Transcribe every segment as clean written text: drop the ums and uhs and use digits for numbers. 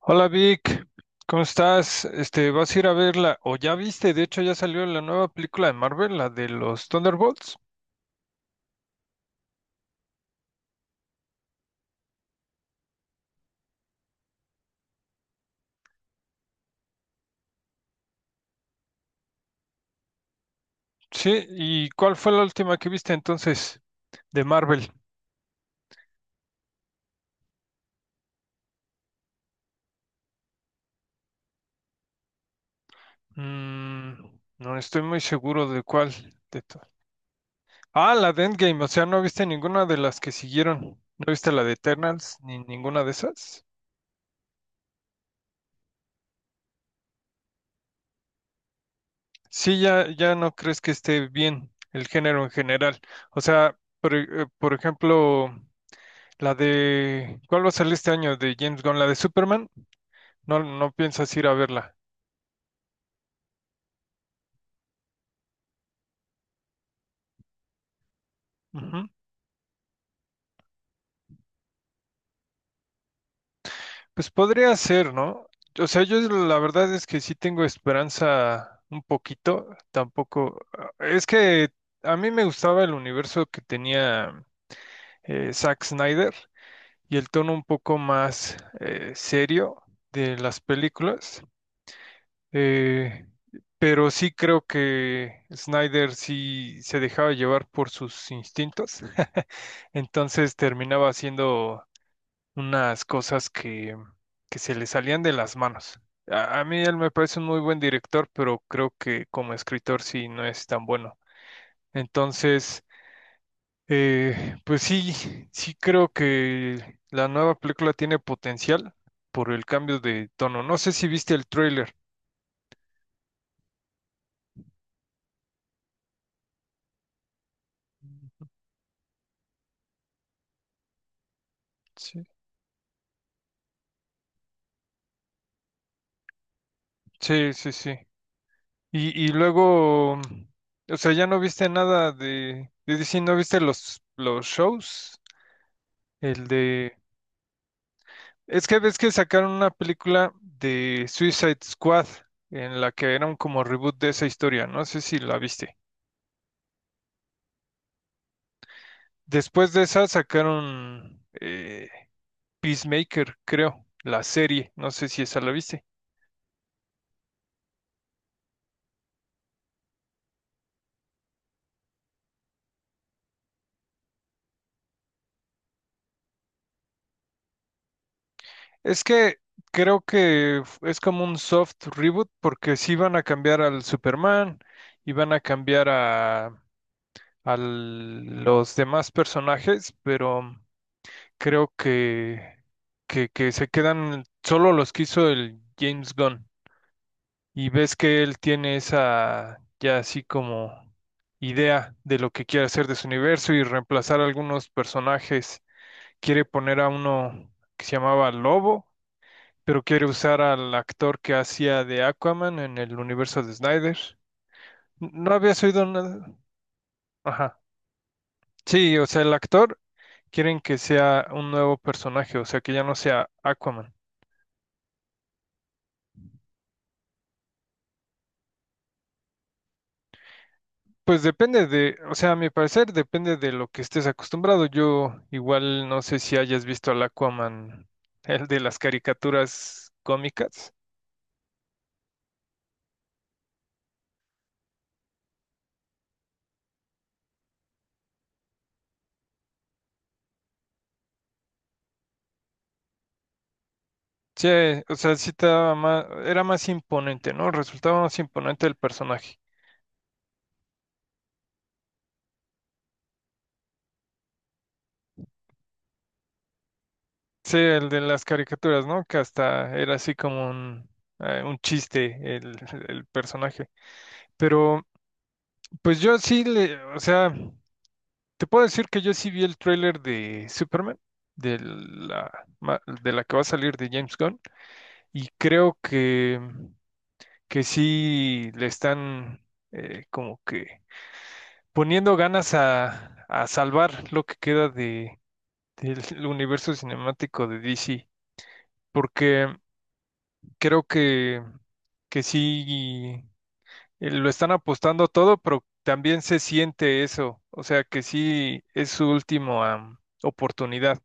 Hola Vic, ¿cómo estás? ¿Vas a ir a verla? O ya viste, de hecho ya salió la nueva película de Marvel, la de los Thunderbolts. Sí, ¿y cuál fue la última que viste entonces de Marvel? Mm, no estoy muy seguro de cuál. de to- ah, la de Endgame, o sea, no viste ninguna de las que siguieron. ¿No viste la de Eternals ni ninguna de esas? Sí, ya, ya no crees que esté bien el género en general. O sea, por ejemplo. La de ¿cuál va a salir este año de James Gunn? ¿La de Superman? No, no piensas ir a verla. Ujú. Pues podría ser, ¿no? O sea, yo la verdad es que sí tengo esperanza un poquito. Tampoco es que a mí me gustaba el universo que tenía Zack Snyder y el tono un poco más serio de las películas. Eh, pero sí creo que Snyder sí se dejaba llevar por sus instintos. Entonces terminaba haciendo unas que se le salían de las manos. A mí él me parece un muy buen director, pero creo que como escritor sí no es tan bueno. Entonces, pues sí, sí creo que la nueva película tiene potencial por el cambio de tono. No sé si viste el tráiler. Sí, sí, sí, sí. Y luego, o sea, ya no viste nada de DC, no viste los shows, el de... Es que ves que sacaron una película de Suicide Squad en la que era un como reboot de esa historia, no sé si la viste. Después de esa sacaron Peacemaker, creo, la serie, no sé si esa la viste. Es que creo que es como un soft reboot porque sí van a cambiar al Superman, y van a cambiar a los demás personajes, pero creo que se quedan solo los que hizo el James Gunn. Y ves que él tiene esa ya así como idea de lo que quiere hacer de su universo y reemplazar algunos personajes. Quiere poner a uno que se llamaba Lobo, pero quiere usar al actor que hacía de Aquaman en el universo de Snyder. ¿No habías oído nada? Ajá. Sí, o sea, el actor quieren que sea un nuevo personaje, o sea, que ya no sea Aquaman. Pues depende de, o sea, a mi parecer depende de lo que estés acostumbrado. Yo igual no sé si hayas visto al Aquaman, el de las caricaturas cómicas. Sí, o sea, sí te daba más, era más imponente, ¿no? Resultaba más imponente el personaje. Sí, el de las caricaturas, ¿no? Que hasta era así como un chiste el personaje. Pero, pues yo sí le, o sea, te puedo decir que yo sí vi el tráiler de Superman, de de la que va a salir de James Gunn, y creo que sí le están como que poniendo ganas a salvar lo que queda del universo cinemático de DC, porque creo que sí lo están apostando todo, pero también se siente eso, o sea que sí es su última oportunidad.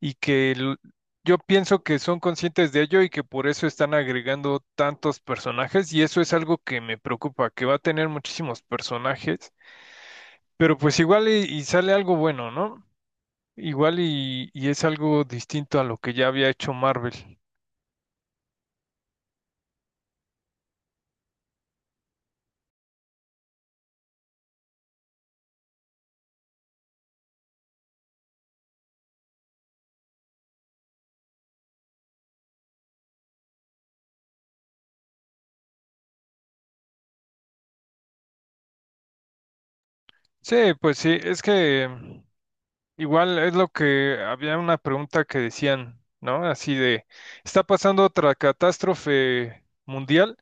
y que el- yo pienso que son conscientes de ello y que por eso están agregando tantos personajes y eso es algo que me preocupa, que va a tener muchísimos personajes, pero pues igual y sale algo bueno, ¿no? Igual y es algo distinto a lo que ya había hecho Marvel. Sí, pues sí, es que igual es lo que había una pregunta que decían, ¿no? Así de, ¿está pasando otra catástrofe mundial?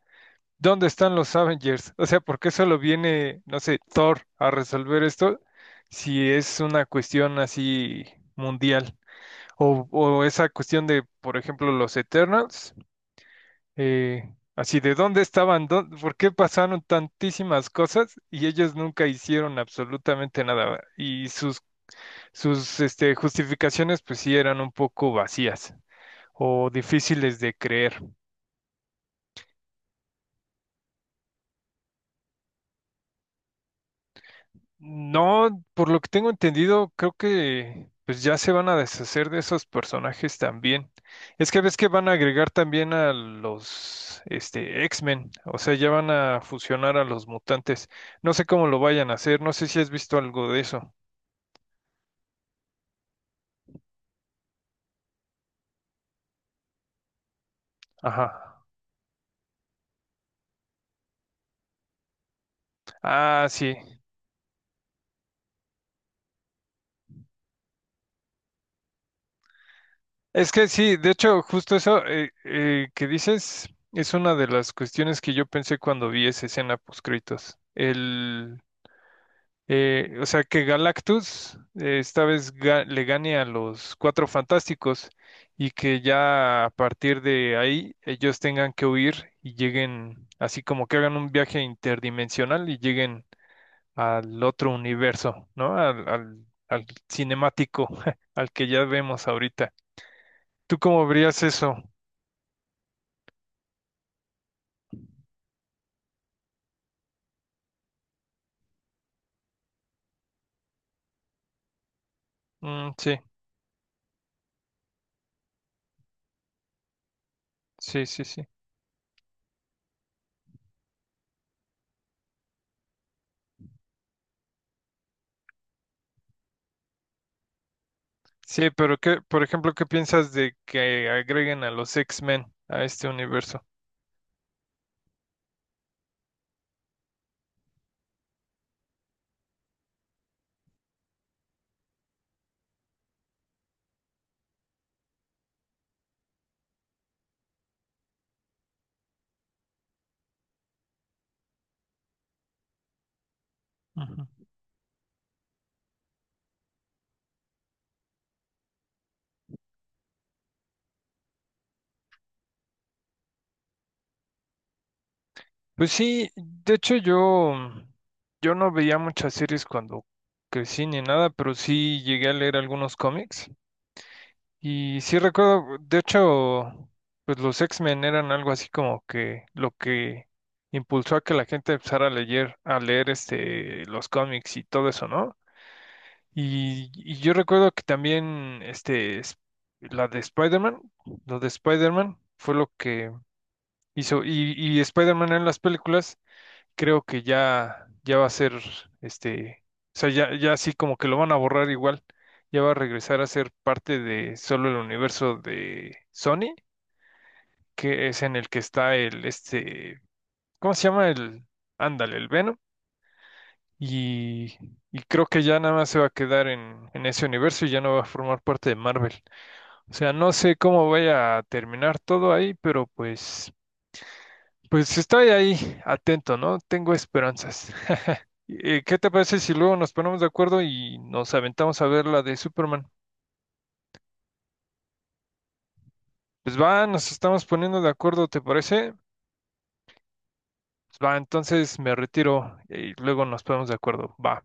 ¿Dónde están los Avengers? O sea, ¿por qué solo viene, no sé, Thor a resolver esto si es una cuestión así mundial? O esa cuestión de, por ejemplo, los Eternals, así de dónde estaban, ¿por qué pasaron tantísimas cosas y ellos nunca hicieron absolutamente nada? Sus este, justificaciones, pues sí, eran un poco vacías o difíciles de creer. No, por lo que tengo entendido, creo que pues ya se van a deshacer de esos personajes también. Es que ves que van a agregar también a los este X-Men, o sea, ya van a fusionar a los mutantes. No sé cómo lo vayan a hacer, no sé si has visto algo de eso. Ajá. Ah, sí. Es que sí, de hecho, justo eso que dices es una de las cuestiones que yo pensé cuando vi esa escena post-créditos. O sea, que Galactus esta vez le gane a los Cuatro Fantásticos y que ya a partir de ahí ellos tengan que huir y lleguen, así como que hagan un viaje interdimensional y lleguen al otro universo, ¿no? Al cinemático, al que ya vemos ahorita. ¿Tú cómo verías eso? Mm, sí, sí, sí, sí. Sí, pero qué, por ejemplo, ¿qué piensas de que agreguen a los X-Men a este universo? Ujú. Pues sí, de hecho yo no veía muchas series cuando crecí ni nada, pero sí llegué a leer algunos cómics. Y sí recuerdo, de hecho, pues los X-Men eran algo así como que lo que impulsó a que la gente empezara a leer este, los cómics y todo eso, ¿no? Y yo recuerdo que también este, la de Spider-Man, lo de Spider-Man fue lo que hizo, y Spider-Man en las películas, creo que ya, ya va a ser, este, o sea, ya, ya así como que lo van a borrar igual, ya va a regresar a ser parte de solo el universo de Sony, que es en el que está el, este, ¿cómo se llama? El, ándale, el Venom, y, y creo que ya nada más se va a quedar en ese universo y ya no va a formar parte de Marvel. O sea, no sé cómo vaya a terminar todo ahí, pero pues pues estoy ahí atento, ¿no? Tengo esperanzas. ¿Qué te parece si luego nos ponemos de acuerdo y nos aventamos a ver la de Superman? Pues va, nos estamos poniendo de acuerdo, ¿te parece? Pues va, entonces me retiro y luego nos ponemos de acuerdo. Va.